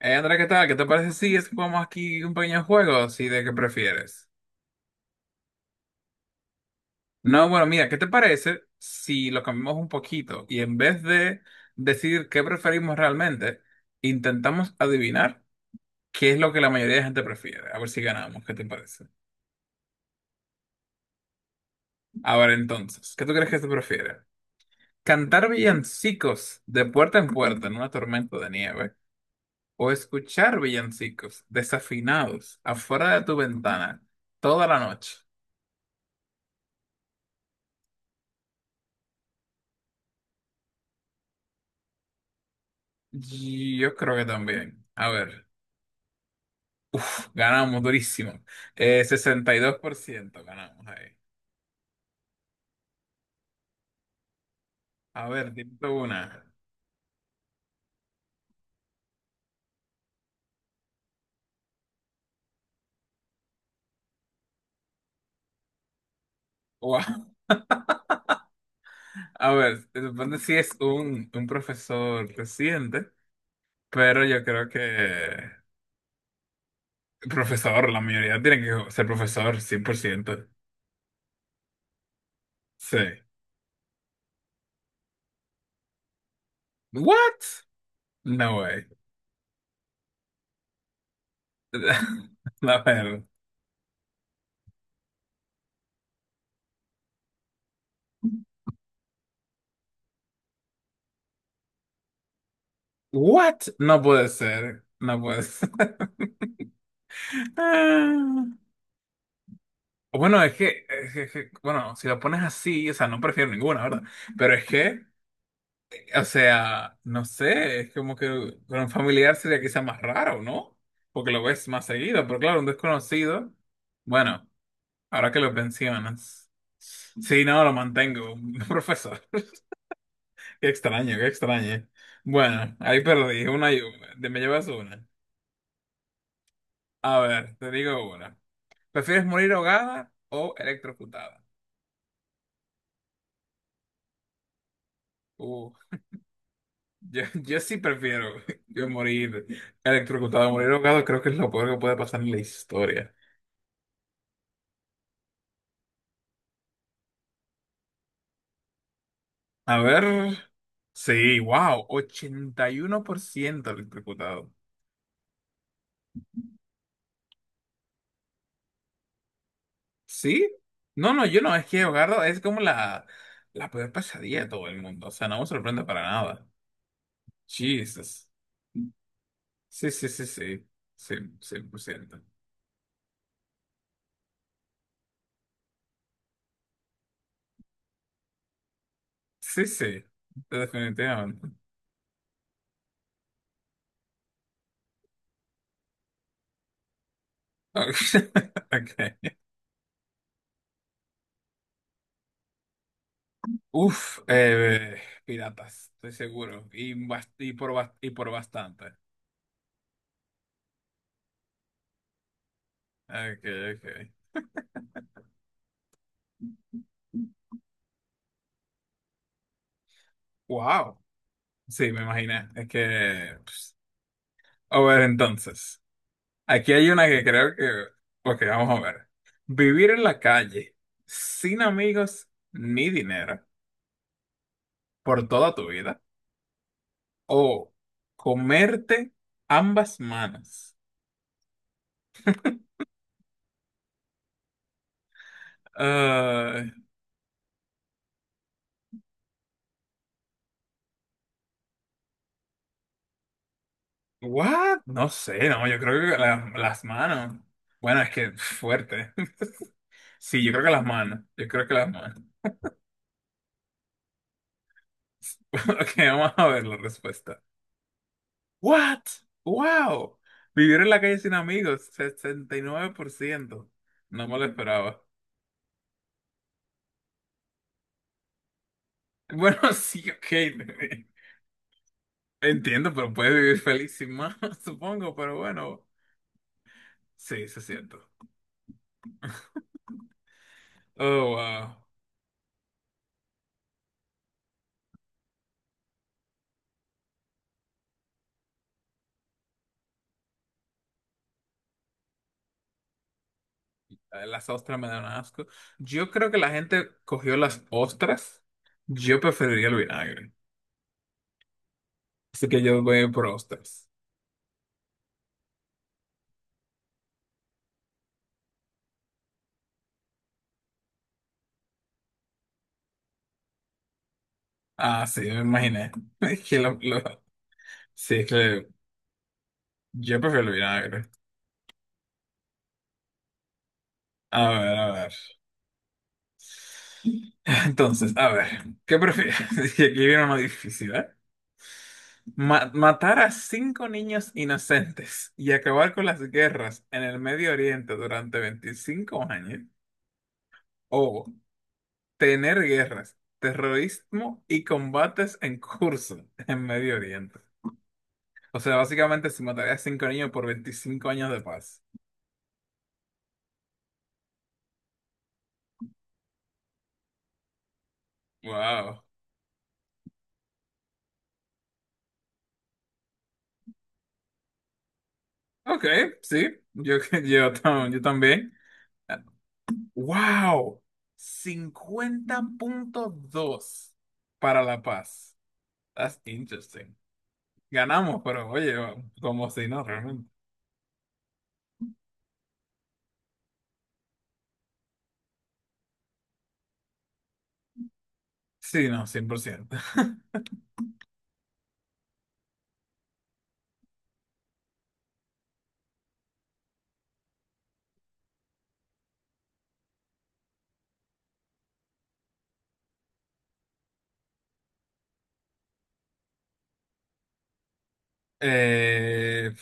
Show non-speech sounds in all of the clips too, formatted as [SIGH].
Andrea, ¿qué tal? ¿Qué te parece si es que jugamos aquí un pequeño juego así de qué prefieres? No, bueno, mira, ¿qué te parece si lo cambiamos un poquito y en vez de decir qué preferimos realmente, intentamos adivinar qué es lo que la mayoría de gente prefiere? A ver si ganamos, ¿qué te parece? A ver, entonces, ¿qué tú crees que se prefiere? ¿Cantar villancicos de puerta en puerta en una tormenta de nieve o escuchar villancicos desafinados afuera de tu ventana toda la noche? Yo creo que también. A ver, ganamos durísimo. 62% ganamos ahí. A ver, dime tú una. Wow. [LAUGHS] A ver, se supone si es un profesor reciente, pero yo creo que profesor, la mayoría tiene que ser profesor, 100%. Sí. What? No way. [LAUGHS] A ver. What? No puede ser. No puede ser. [LAUGHS] Bueno, es que, bueno, si lo pones así, o sea, no prefiero ninguna, ¿verdad? Pero es que, o sea, no sé, es como que con un familiar sería quizá más raro, ¿no? Porque lo ves más seguido, pero claro, un desconocido, bueno, ahora que lo mencionas. Sí, no, lo mantengo, [LAUGHS] profesor. Qué extraño, qué extraño. Bueno, ahí perdí, una y una. Me llevas una. A ver, te digo una. ¿Prefieres morir ahogada o electrocutada? Uh, yo sí prefiero yo morir electrocutado, morir ahogado, creo que es lo peor que puede pasar en la historia. A ver, sí, wow, 81% electrocutado. ¿Sí? No, no, yo no, es que ahogado es como la peor pesadilla de todo el mundo, o sea, no me sorprende para nada. Jesus. Sí, sí, sí, sí, sí, 100%. Sí, sí, definitivamente. [LAUGHS] Ok. Uf, piratas, estoy seguro. Y por bastante. Okay, okay. Wow. Sí, me imaginé. Es que, pues, a ver, entonces. Aquí hay una que creo que. Ok, vamos a ver. Vivir en la calle, sin amigos ni dinero, por toda tu vida. O comerte ambas manos. Ah, what? No sé, no, yo creo que las manos. Bueno, es que fuerte. [LAUGHS] Sí, yo creo que las manos. Yo creo que las manos. [LAUGHS] Ok, vamos a ver la respuesta. What? Wow. Vivir en la calle sin amigos, 69%. No me lo esperaba. Bueno, [LAUGHS] sí, ok. Entiendo, pero puedes vivir feliz sin más, [LAUGHS] supongo, pero bueno. Sí, se siento. Oh, wow. Las ostras me dan asco. Yo creo que la gente cogió las ostras. Yo preferiría el vinagre. Así que yo voy por ostras. Ah, sí, me imaginé. [LAUGHS] Es que sí, es que yo prefiero el vinagre. A ver, a ver. [LAUGHS] Entonces, a ver, ¿qué prefieres? [LAUGHS] Y aquí viene una difícil, ¿eh? Matar a cinco niños inocentes y acabar con las guerras en el Medio Oriente durante 25 años. O tener guerras, terrorismo y combates en curso [LAUGHS] en Medio Oriente. O sea, básicamente se mataría a cinco niños por 25 años de paz. Wow. Ok, sí, yo, [LAUGHS] yo también. Wow. 50,2 para la paz. That's interesting. Ganamos, pero oye, como si no, realmente. Sí, no, 100%. [LAUGHS] Eh,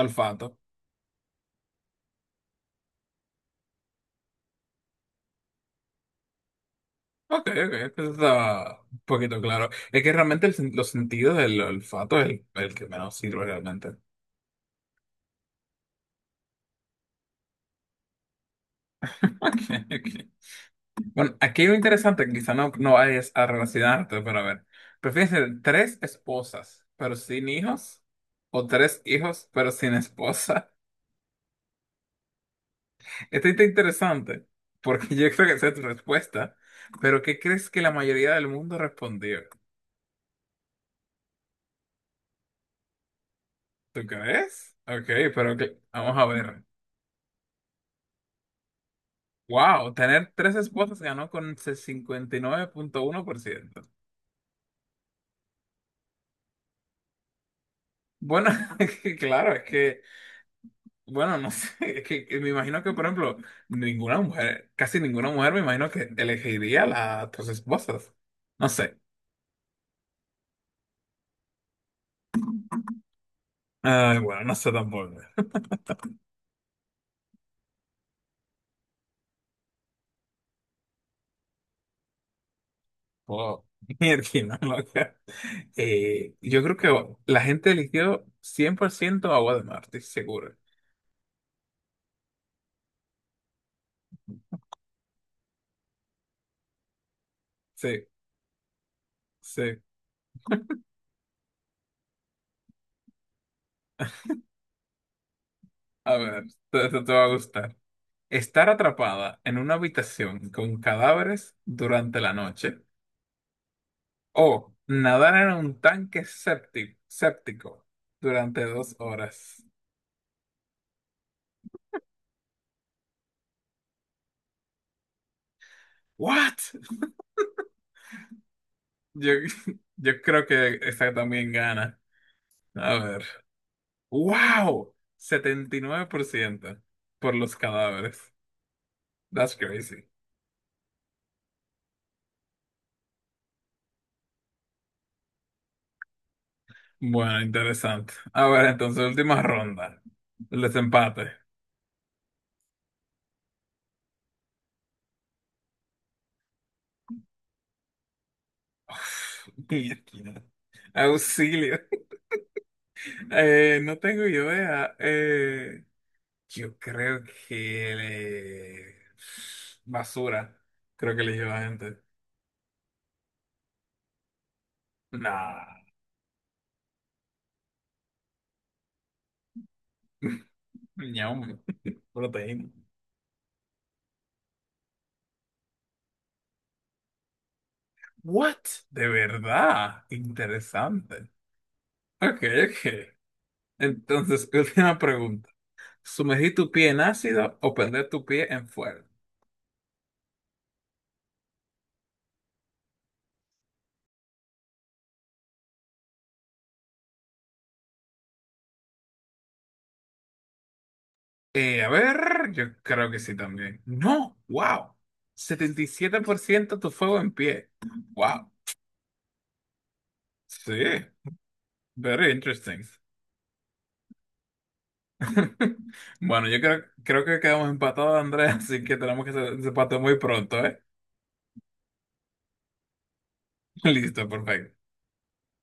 olfato. Ok, ok, eso está un poquito claro. Es que realmente los sentidos del olfato es el que menos sirve realmente. [LAUGHS] Ok, ok. Bueno, aquí hay lo interesante, que quizá no, no vayas a relacionarte, pero a ver. ¿Prefieres tener tres esposas, pero sin hijos? ¿O tres hijos, pero sin esposa? [LAUGHS] Esto está interesante, porque yo creo que esa es tu respuesta. Pero ¿qué crees que la mayoría del mundo respondió? ¿Tú crees? Ok, pero vamos a ver. Wow, tener tres esposas ganó con 59,1%. Bueno, [LAUGHS] es que claro, es que, bueno, no [LAUGHS] sé, es que me imagino que, por ejemplo, ninguna mujer, casi ninguna mujer, me imagino que elegiría las tres esposas. No sé. Ay, bueno, no sé tampoco. Wow. [LAUGHS] Mierda, loca. Yo creo que la gente eligió 100% agua de mar, estoy seguro. Sí, sí. A ver, te va a gustar. Estar atrapada en una habitación con cadáveres durante la noche o nadar en un tanque séptico durante 2 horas. ¿What? Yo, [LAUGHS] yo creo que esa también gana. A ver. ¡Wow! 79% por ciento por los cadáveres. That's crazy. Bueno, interesante. A ver, entonces, última ronda. El desempate. Uf, [LAUGHS] mierda. Auxilio. No tengo idea. Yo creo que eh, basura. Creo que eligió la gente. Nah. [LAUGHS] Ñam, proteína. What? De verdad. Interesante. Ok, ok. Entonces, [LAUGHS] última pregunta. ¿Sumergir tu pie en ácido o prender tu pie en fuego? A ver, yo creo que sí también. No, wow. 77% tu fuego en pie. Wow. Sí. Very interesting. [LAUGHS] Bueno, yo creo, que quedamos empatados, Andrés, [LAUGHS] así que tenemos que hacer ese empate muy pronto, ¿eh? [LAUGHS] Listo, perfecto.